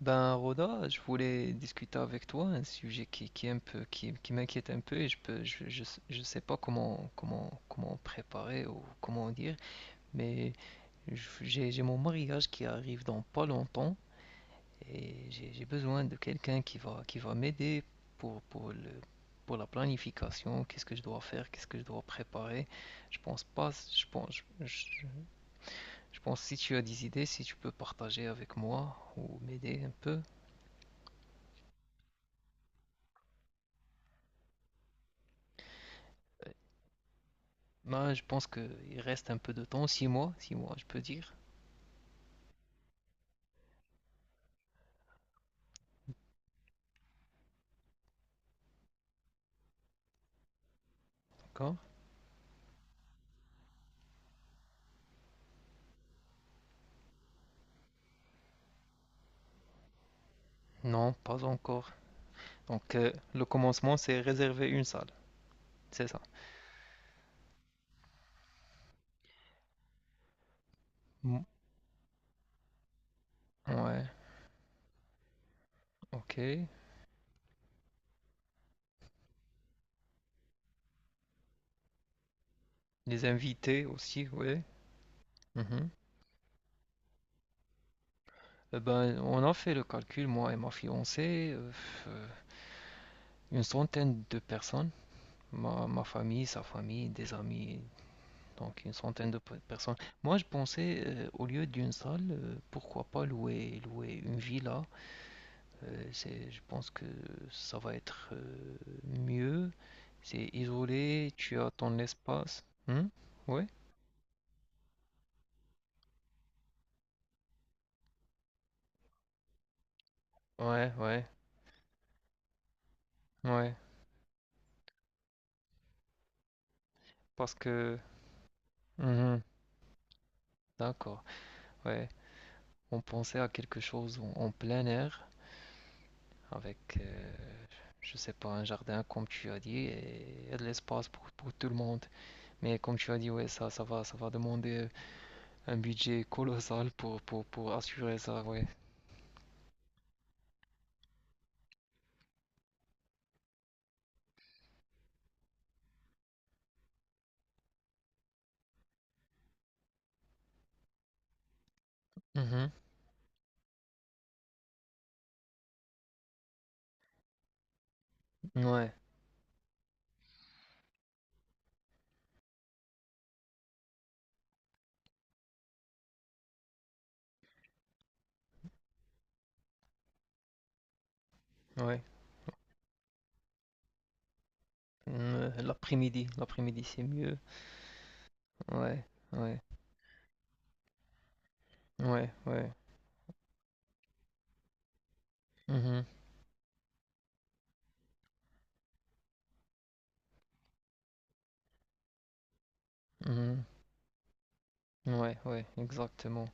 Ben, Roda, je voulais discuter avec toi un sujet qui est un peu, qui m'inquiète un peu et je peux, je sais pas comment préparer ou comment dire, mais j'ai mon mariage qui arrive dans pas longtemps et j'ai besoin de quelqu'un qui va m'aider pour, pour le, pour la planification, qu'est-ce que je dois faire, qu'est-ce que je dois préparer. Je pense pas, je, je je pense si tu as des idées, si tu peux partager avec moi ou m'aider un peu. Bah, je pense qu'il reste un peu de temps, six mois, je peux dire. D'accord? Non, pas encore. Donc, le commencement, c'est réserver une salle, c'est ça. Mm. Ouais, ok. Les invités aussi, ouais. Mhm. Ben, on a fait le calcul, moi et ma fiancée, euh, une centaine de personnes. Ma famille, sa famille, des amis, donc une centaine de personnes. Moi, je pensais, au lieu d'une salle, pourquoi pas louer une villa. Je pense que ça va être mieux. C'est isolé, tu as ton espace. Hmm? Ouais, ouais, ouais. Parce que... Mhm. D'accord, ouais. On pensait à quelque chose en plein air, avec, je sais pas, un jardin, comme tu as dit, et de l'espace pour tout le monde. Mais comme tu as dit, ouais, ça va demander un budget colossal pour assurer ça, ouais. Mhm. Ouais, ouais. L'après-midi c'est mieux. Ouais, ouais, ouais, ouais. Mhm, mhm. Ouais, ouais, exactement.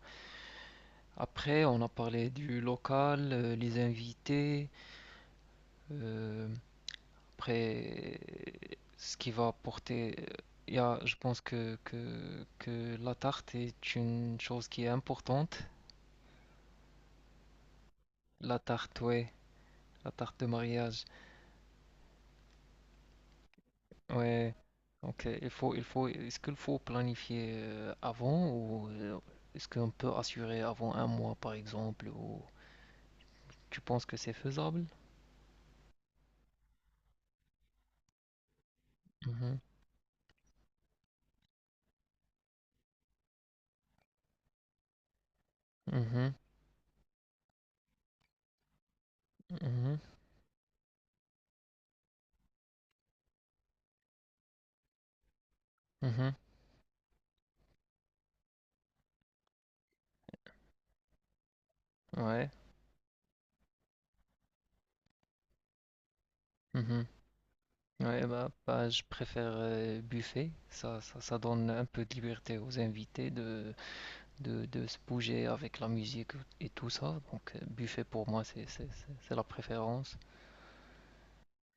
Après, on a parlé du local, les invités. euh, Après, ce qui va apporter. Il y a, je pense que la tarte est une chose qui est importante. La tarte, ouais, la tarte de mariage. Ouais, ok, est-ce qu'il faut planifier avant ou est-ce qu'on peut assurer avant un mois par exemple ou tu penses que c'est faisable? Mhm, mhm, mhm, mhm. Ouais, mhm. Ouais, bah, je préfère buffet. Ça donne un peu de liberté aux invités de se bouger avec la musique et tout ça. Donc, buffet pour moi, c'est la préférence.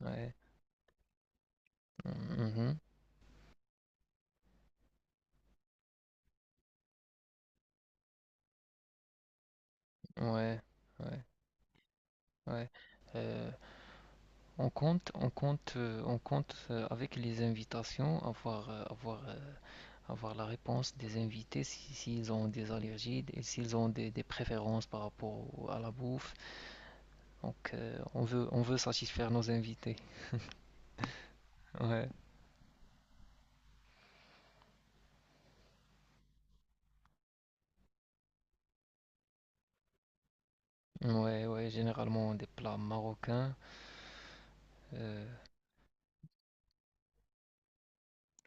Ouais, mhm, ouais, ouais. Ouais. Euh, on compte, on compte, on compte avec les invitations, avoir la réponse des invités s'ils ont des allergies et s'ils ont des préférences par rapport à la bouffe. Donc on veut satisfaire nos invités. Ouais, ouais, ouais. Généralement des plats marocains. Euh,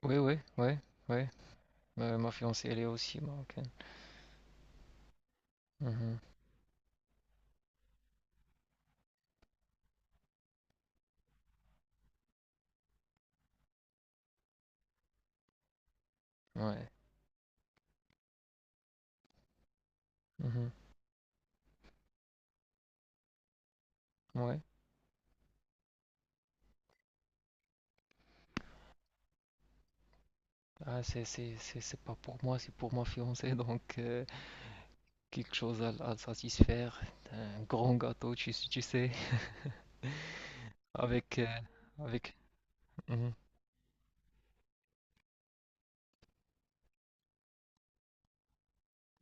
ouais, ouais, ouais, ouais. Ma fiancée, elle est aussi marocaine. Mhm. Ouais, mhm. Ouais. Ah, c'est pas pour moi, c'est pour ma fiancée, donc. Quelque chose à satisfaire, un grand gâteau, tu sais. avec... euh, avec... Mhm.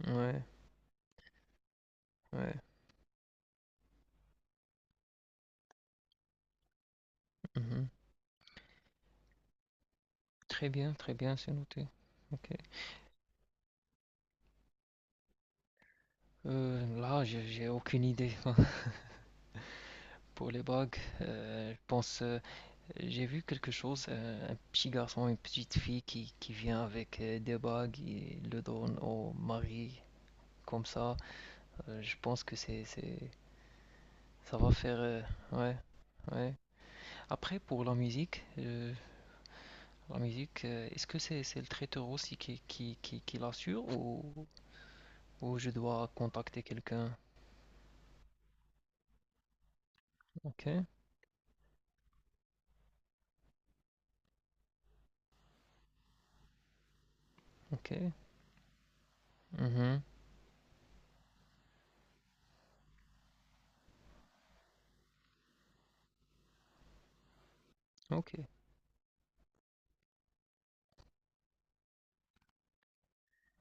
Ouais, ouais. Mhm. Très bien, c'est noté. Ok. Là, j'ai aucune idée pour les bagues. Je pense, j'ai vu quelque chose, un petit garçon, une petite fille qui vient avec des bagues et le donne au mari comme ça. Je pense que ça va faire, ouais, ouais. Après, pour la musique, la musique, est-ce que c'est le traiteur aussi qui l'assure ou je dois contacter quelqu'un? Ok, ok, mhm, ok,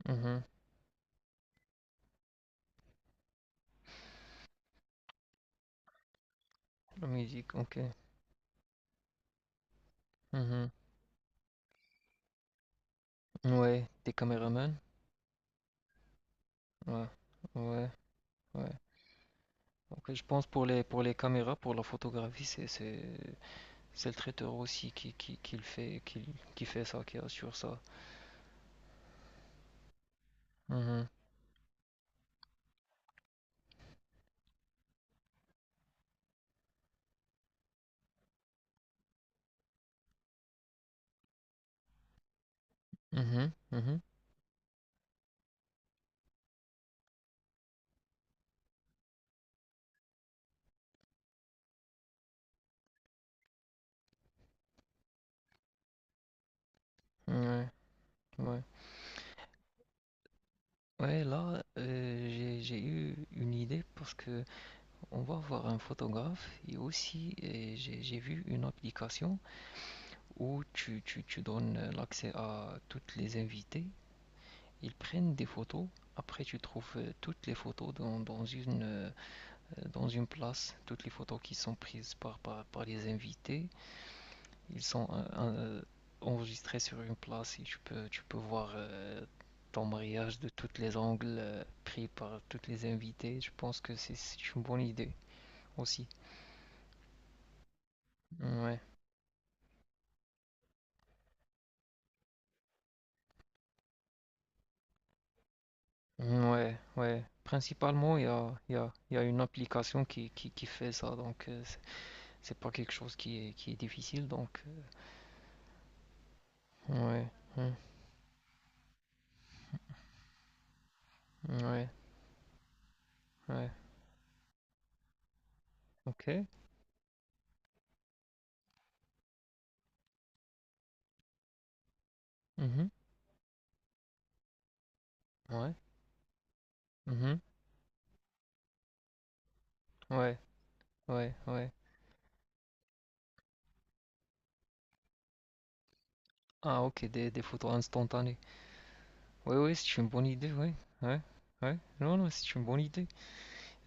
mhm. La musique, ok, mhm. Ouais, des caméramans? Ouais, ouais, ouais. Ok, je pense, pour les caméras, pour la photographie, c'est le traiteur aussi qui le fait, qui fait ça, qui assure ça. Mhm, mhm, mhm. Ouais, ouais. Ouais, là, j'ai eu une idée. Parce que on va voir un photographe et aussi j'ai vu une application où tu donnes l'accès à toutes les invités, ils prennent des photos, après tu trouves toutes les photos dans une place, toutes les photos qui sont prises par les invités, ils sont enregistrés sur une place et tu peux voir ton mariage de tous les angles, pris par tous les invités. Je pense que c'est une bonne idée aussi. Ouais. Mm, ouais, ouais. Principalement, il y a une application qui fait ça, donc c'est pas quelque chose qui est difficile, donc ouais, hein, ouais, ouais, ok, mhm, ouais, mhm, ouais, ouais, ouais. Ah, ok, des photos instantanées. Oui, oui, c'est une bonne idée, oui, ouais, ouais. Non, non, c'est une bonne idée.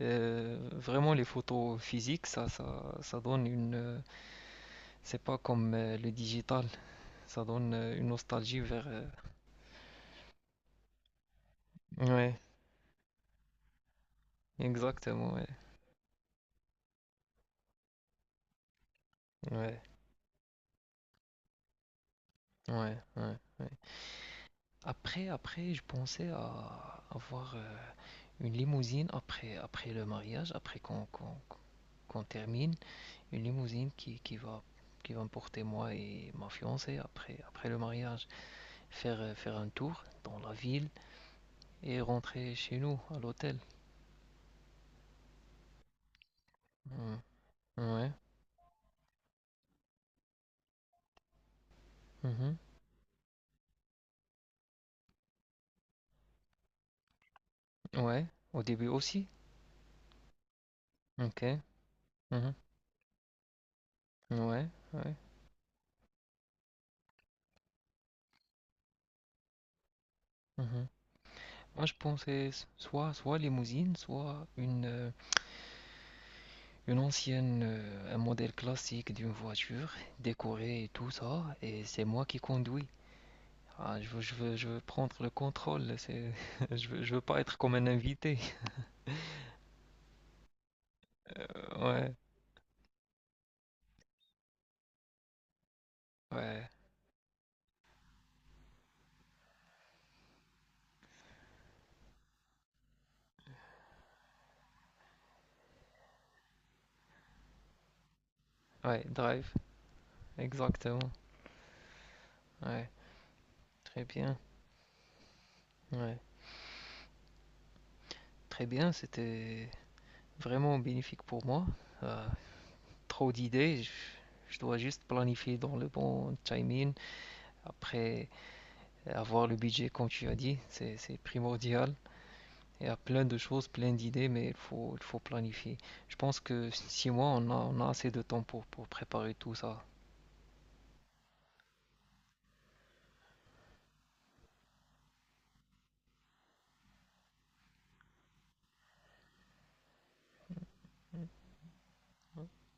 Vraiment, les photos physiques, ça donne une, c'est pas comme le digital, ça donne une nostalgie vers. Ouais, exactement, ouais. Ouais, ouais, ouais, ouais. Après, je pensais à avoir une limousine après, après le mariage, après qu'on qu'on termine, une limousine qui va me porter moi et ma fiancée après, après le mariage, faire un tour dans la ville et rentrer chez nous à l'hôtel. Mm. Ouais, mhm. Ouais, au début aussi. Ok, mhm. Ouais, ouais, mhm. Moi, je pensais soit, soit limousine, soit une ancienne, un modèle classique d'une voiture, décorée et tout ça, et c'est moi qui conduis. Ah, je veux prendre le contrôle, c'est, je veux pas être comme un invité. Ouais, ouais, ouais, drive, exactement. Ouais, très bien. Ouais, très bien, c'était vraiment bénéfique pour moi. Euh, Trop d'idées, je dois juste planifier dans le bon timing. Après, avoir le budget, comme tu as dit, c'est primordial. Il y a plein de choses, plein d'idées, mais il faut planifier. Je pense que 6 mois, on a assez de temps pour préparer tout ça.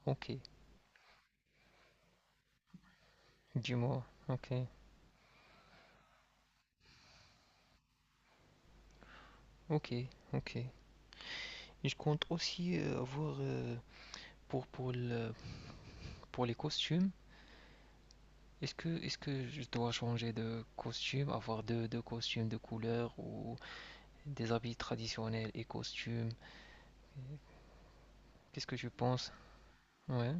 Ok, dis-moi. Ok, ok, ok. Et je compte aussi avoir pour, pour le, pour les costumes. Est-ce que je dois changer de costume, avoir deux costumes de couleur ou des habits traditionnels et costumes? Qu'est-ce que tu penses? Ouais.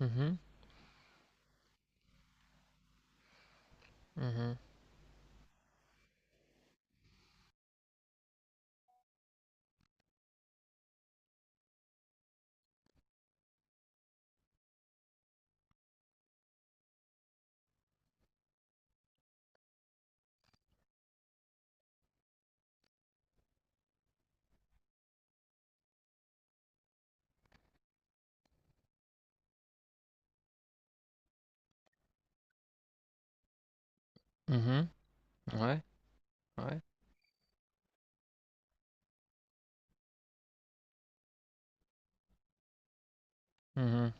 Mhm. Mhm. Mhm. Ouais. Ouais. Mhm.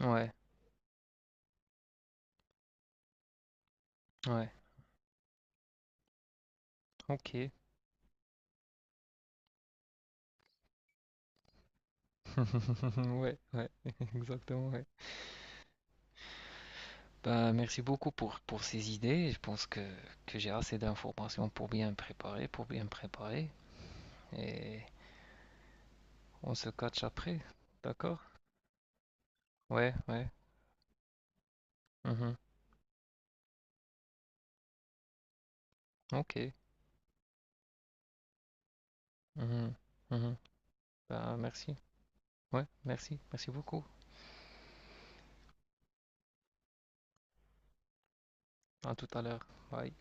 Ouais. Ouais. Ok. Ouais. Ouais. Exactement. Ouais. Bah, merci beaucoup pour ces idées. Je pense que j'ai assez d'informations pour bien me préparer, pour bien me préparer. Et on se catch après. D'accord? Ouais. Ouais. Mhm. Ok. Mhm. Mhm. Bah, merci. Ouais. Merci. Merci beaucoup. À tout à l'heure. Bye.